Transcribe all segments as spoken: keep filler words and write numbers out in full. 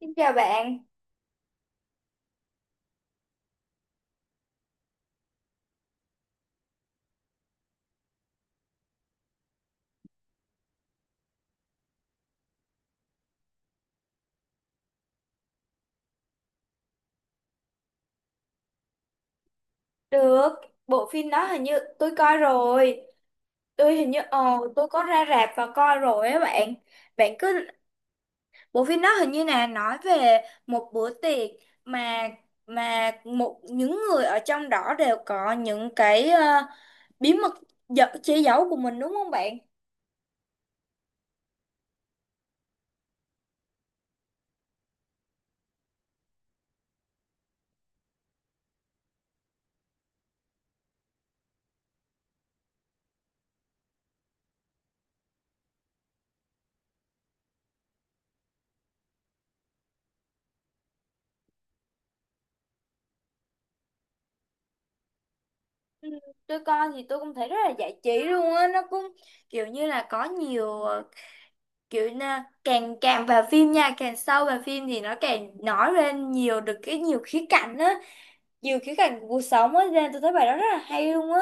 Xin chào bạn. Được, bộ phim đó hình như tôi coi rồi. Tôi hình như ờ tôi có ra rạp và coi rồi á bạn. Bạn cứ bộ phim đó hình như là nói về một bữa tiệc mà mà một những người ở trong đó đều có những cái ờ, bí mật giật che giấu của mình đúng không bạn? Ừ, tôi coi thì tôi cũng thấy rất là giải trí luôn á, nó cũng kiểu như là có nhiều kiểu na- càng càng vào phim nha càng sâu vào phim thì nó càng nói lên nhiều được cái nhiều khía cạnh á nhiều khía cạnh của cuộc sống á nên tôi thấy bài đó rất là hay luôn á.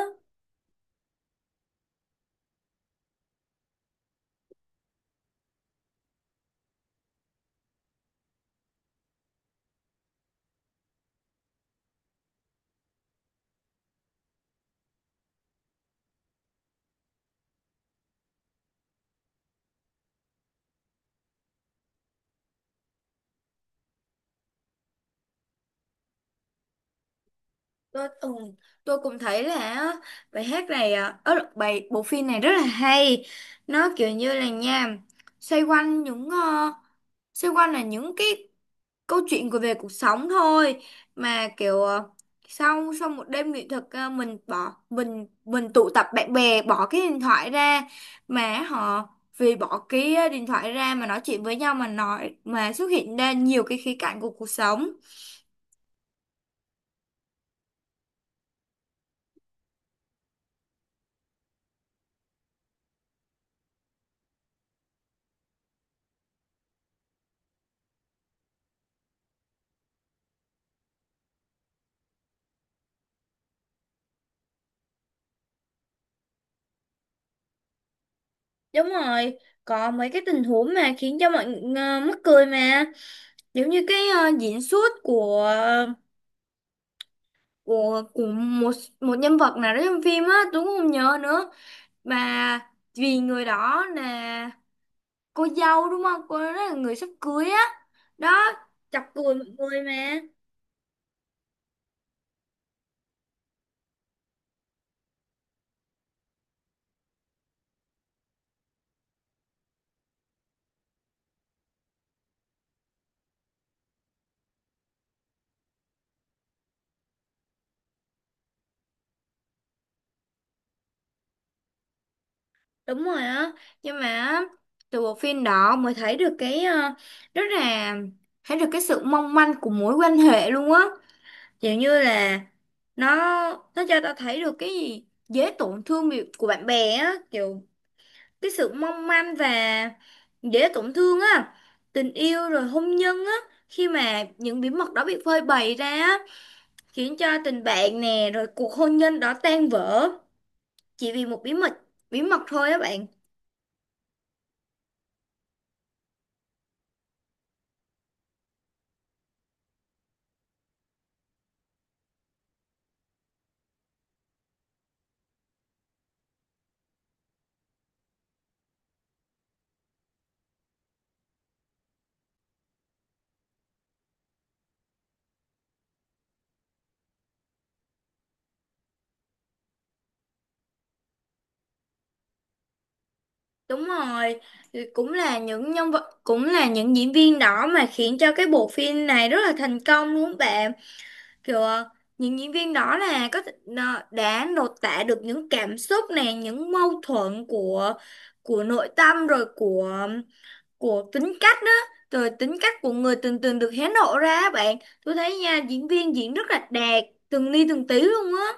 Tôi ừ, tôi cũng thấy là á, bài hát này à, ớ, bài bộ phim này rất là hay. Nó kiểu như là nha xoay quanh những ờ, xoay quanh là những cái câu chuyện của về cuộc sống thôi, mà kiểu ờ, sau sau một đêm nghệ thuật ờ, mình bỏ mình mình tụ tập bạn bè bỏ cái điện thoại ra mà họ vì bỏ cái ờ, điện thoại ra mà nói chuyện với nhau mà nói mà xuất hiện ra nhiều cái khía cạnh của cuộc sống. Đúng rồi, có mấy cái tình huống mà khiến cho mọi người ờ, mắc cười mà. Giống như cái ờ, diễn xuất của của của một một nhân vật nào đó trong phim á, Tuấn không nhớ nữa, mà vì người đó là cô dâu đúng không, cô đó là người sắp cưới á đó, chọc cười mọi người mà. Đúng rồi á, nhưng mà từ bộ phim đó mới thấy được cái ờ, rất là thấy được cái sự mong manh của mối quan hệ luôn á, kiểu như là nó nó cho ta thấy được cái gì dễ tổn thương bị- của bạn bè á, kiểu cái sự mong manh và dễ tổn thương á, tình yêu rồi hôn nhân á, khi mà những bí mật đó bị phơi bày ra á, khiến cho tình bạn nè rồi cuộc hôn nhân đó tan vỡ chỉ vì một bí mật bí mật thôi á bạn. Đúng rồi, thì cũng là những nhân vật cũng là những diễn viên đó mà khiến cho cái bộ phim này rất là thành công luôn bạn. Kiểu ờ, những diễn viên đó là có thể- nó đã lột tả được những cảm xúc này, những mâu thuẫn của của nội tâm rồi của của tính cách đó, rồi tính cách của người từng từng được hé lộ ra á bạn. Tôi thấy nha diễn viên diễn rất là đạt từng ly từng tí luôn á.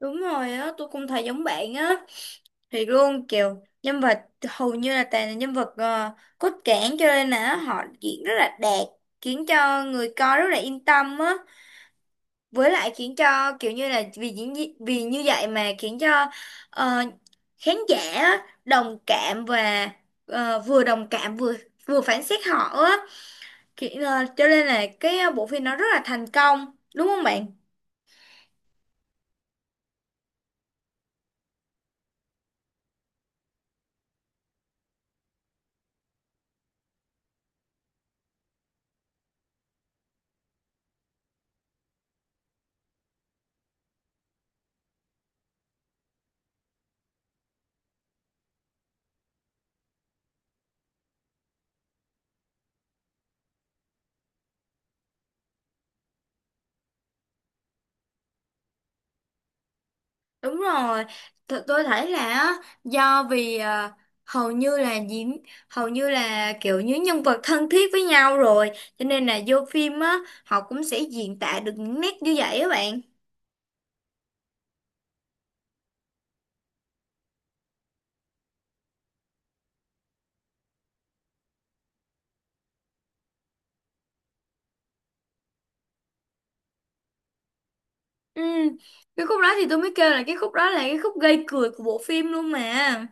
Đúng rồi á, tôi cũng thấy giống bạn á, thì luôn kiểu nhân vật hầu như là toàn là nhân vật ờ, cốt cản, cho nên là họ diễn rất là đạt, khiến cho người coi rất là yên tâm á, với lại khiến cho kiểu như là vì diễn vi- vì như vậy mà khiến cho ờ, khán giả á, đồng cảm và ờ, vừa đồng cảm vừa vừa phán xét họ á. Ki- ờ, cho nên là cái bộ phim nó rất là thành công đúng không bạn? Đúng rồi, Th tôi thấy là á, do vì ờ, hầu như là diễn hầu như là kiểu như nhân vật thân thiết với nhau rồi, cho nên là vô phim á họ cũng sẽ diễn tả được những nét như vậy á bạn. Ừ, cái khúc đó thì tôi mới kêu là cái khúc đó là cái khúc gây cười của bộ phim luôn mà.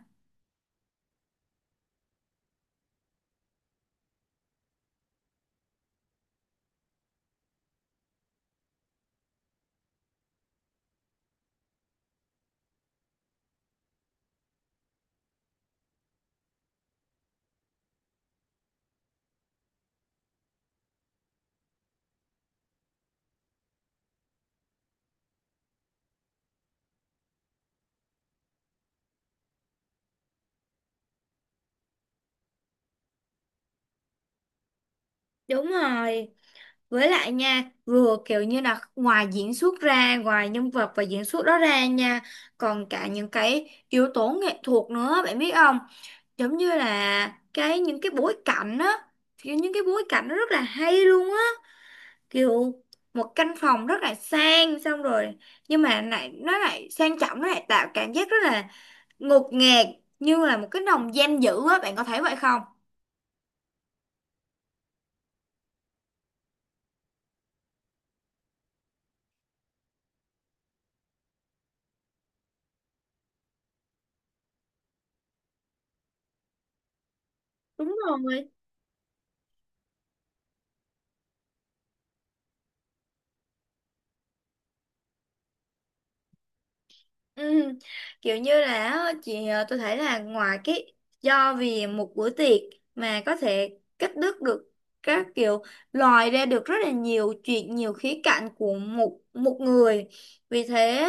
Đúng rồi. Với lại nha, vừa kiểu như là ngoài diễn xuất ra, ngoài nhân vật và diễn xuất đó ra nha, còn cả những cái yếu tố nghệ thuật nữa, bạn biết không? Giống như là cái những cái bối cảnh á, kiểu những cái bối cảnh nó rất là hay luôn á, kiểu một căn phòng rất là sang xong rồi nhưng mà lại nó lại sang trọng nó lại tạo cảm giác rất là ngột ngạt, như là một cái nồng giam giữ á bạn có thấy vậy không? Đúng rồi, Ừ, kiểu như là á, chị ờ, tôi thấy là ngoài cái do vì một bữa tiệc mà có thể cắt đứt được các kiểu, lòi ra được rất là nhiều chuyện, nhiều khía cạnh của một một người. Vì thế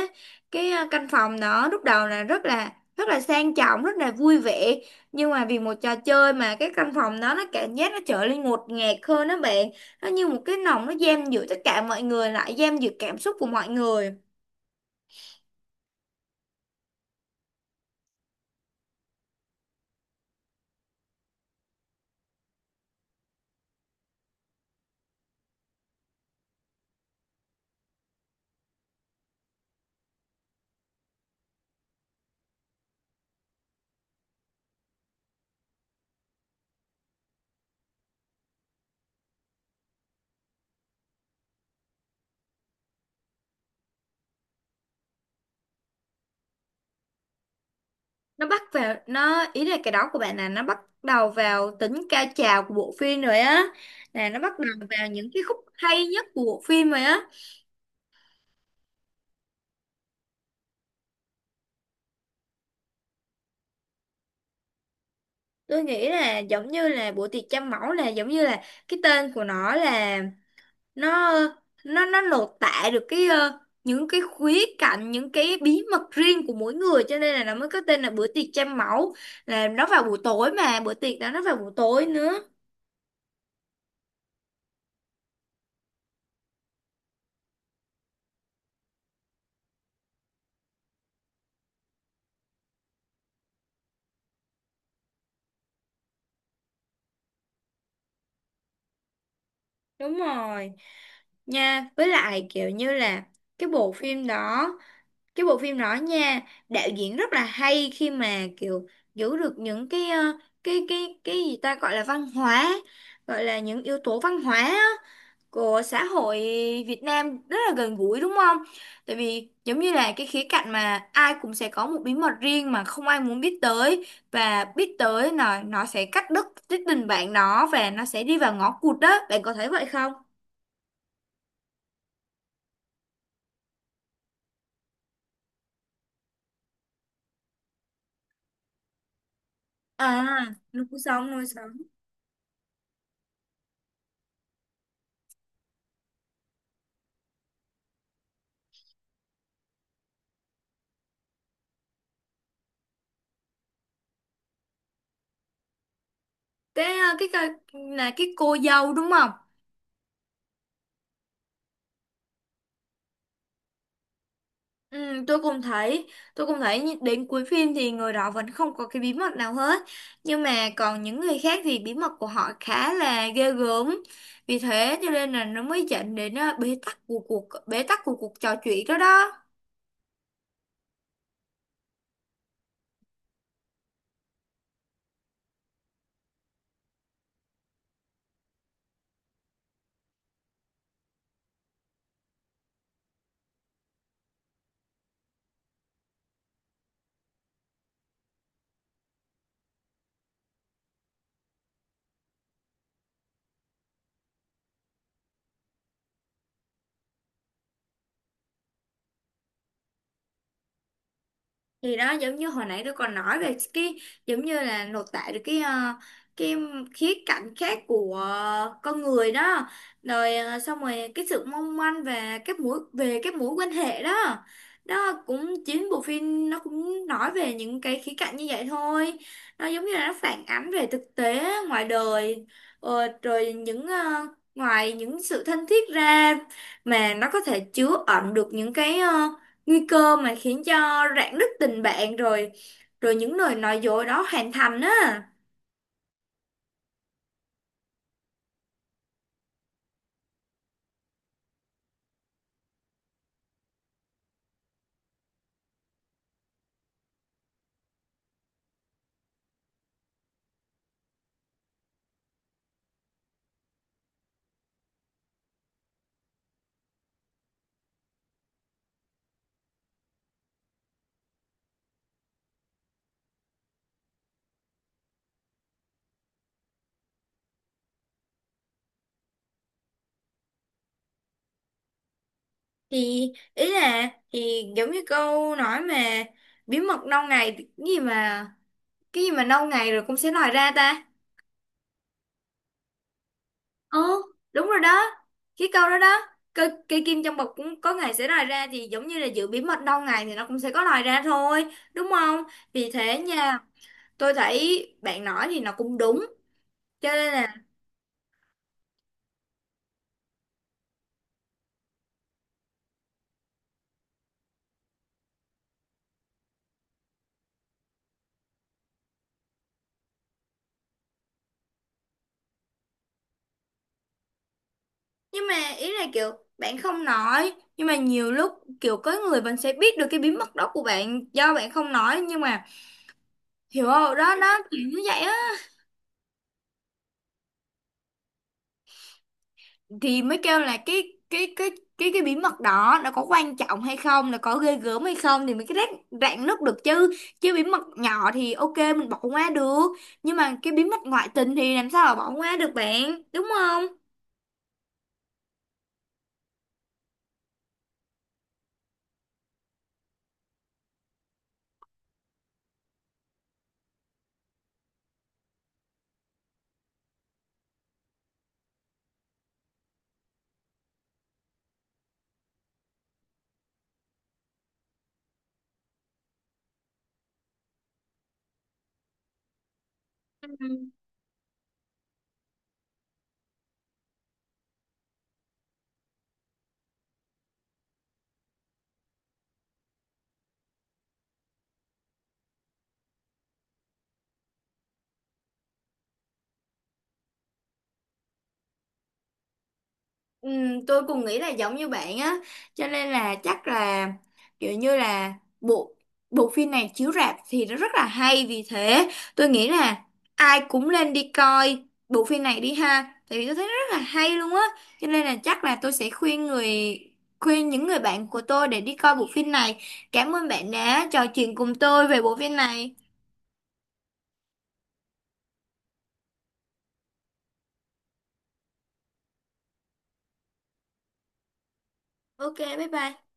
cái ờ, căn phòng đó lúc đầu là rất là rất là sang trọng rất là vui vẻ, nhưng mà vì một trò chơi mà cái căn phòng đó nó cảm giác nó trở nên ngột ngạt hơn đó bạn. Nó như một cái nòng nó giam giữ tất cả mọi người lại, giam giữ cảm xúc của mọi người. Nó bắt vào, nó ý là cái đó của bạn là nó bắt đầu vào tính cao trào của bộ phim rồi á, là nó bắt đầu vào những cái khúc hay nhất của bộ phim rồi á. Tôi nghĩ là giống như là bữa tiệc trăm mẫu là giống như là cái tên của nó là nó nó nó lột tả được cái ờ, những cái khía cạnh những cái bí mật riêng của mỗi người, cho nên là nó mới có tên là bữa tiệc trăm mẫu, là nó vào buổi tối, mà bữa tiệc đó nó vào buổi tối nữa. Đúng rồi. Nha với lại kiểu như là cái bộ phim đó cái bộ phim đó nha, đạo diễn rất là hay khi mà kiểu giữ được những cái ờ, cái cái cái gì ta gọi là văn hóa, gọi là những yếu tố văn hóa á, của xã hội Việt Nam rất là gần gũi đúng không? Tại vì giống như là cái khía cạnh mà ai cũng sẽ có một bí mật riêng mà không ai muốn biết tới, và biết tới là nó sẽ cắt đứt cái tình bạn đó và nó sẽ đi vào ngõ cụt, đó bạn có thấy vậy không? À, nuôi sống, nuôi sống. Cái ờ, cái cái là cái cô dâu đúng không? Ừ, tôi cũng thấy, tôi cũng thấy như- đến cuối phim thì người đó vẫn không có cái bí mật nào hết. Nhưng mà còn những người khác thì bí mật của họ khá là ghê gớm. Vì thế cho nên là nó mới dẫn đến ờ, bế tắc của cuộc bế tắc của cuộc trò chuyện đó đó. Thì đó giống như hồi nãy tôi còn nói về cái, giống như là lột tả được cái ờ, cái khía cạnh khác của ờ, con người đó, rồi ờ, xong rồi cái sự mong manh và các mối về các mối quan hệ đó đó, cũng chính bộ phim nó cũng nói về những cái khía cạnh như vậy thôi. Nó giống như là nó phản ánh về thực tế ngoài đời, ờ, rồi những ờ, ngoài những sự thân thiết ra mà nó có thể chứa ẩn được những cái ờ, nguy cơ mà khiến cho rạn nứt tình bạn rồi, rồi những lời nói dối đó hoàn thành á. Thì ý là thì giống như câu nói mà bí mật lâu ngày, cái gì mà cái gì mà lâu ngày rồi cũng sẽ lòi ra ta. Ừ, đúng rồi đó, cái câu đó đó, cây, cây kim trong bọc cũng có ngày sẽ lòi ra, thì giống như là giữ bí mật lâu ngày thì nó cũng sẽ có lòi ra thôi đúng không. Vì thế nha, tôi thấy bạn nói thì nó cũng đúng, cho nên là nhưng mà ý là kiểu bạn không nói nhưng mà nhiều lúc kiểu có người vẫn sẽ biết được cái bí mật đó của bạn do bạn không nói, nhưng mà hiểu không đó, nó kiểu như vậy á. Thì mới kêu là cái cái cái cái cái bí mật đó nó có quan trọng hay không, nó có ghê gớm hay không thì mới cái rạn rạn nứt được chứ. Chứ bí mật nhỏ thì ok mình bỏ qua được, nhưng mà cái bí mật ngoại tình thì làm sao mà bỏ qua được bạn đúng không. Ừ. Ừ, tôi cũng nghĩ là giống như bạn á, cho nên là chắc là kiểu như là bộ bộ phim này chiếu rạp thì nó rất là hay. Vì thế tôi nghĩ là ai cũng nên đi coi bộ phim này đi ha, tại vì tôi thấy nó rất là hay luôn á, cho nên là chắc là tôi sẽ khuyên người khuyên những người bạn của tôi để đi coi bộ phim này. Cảm ơn bạn đã trò chuyện cùng tôi về bộ phim này. Ok, bye bye.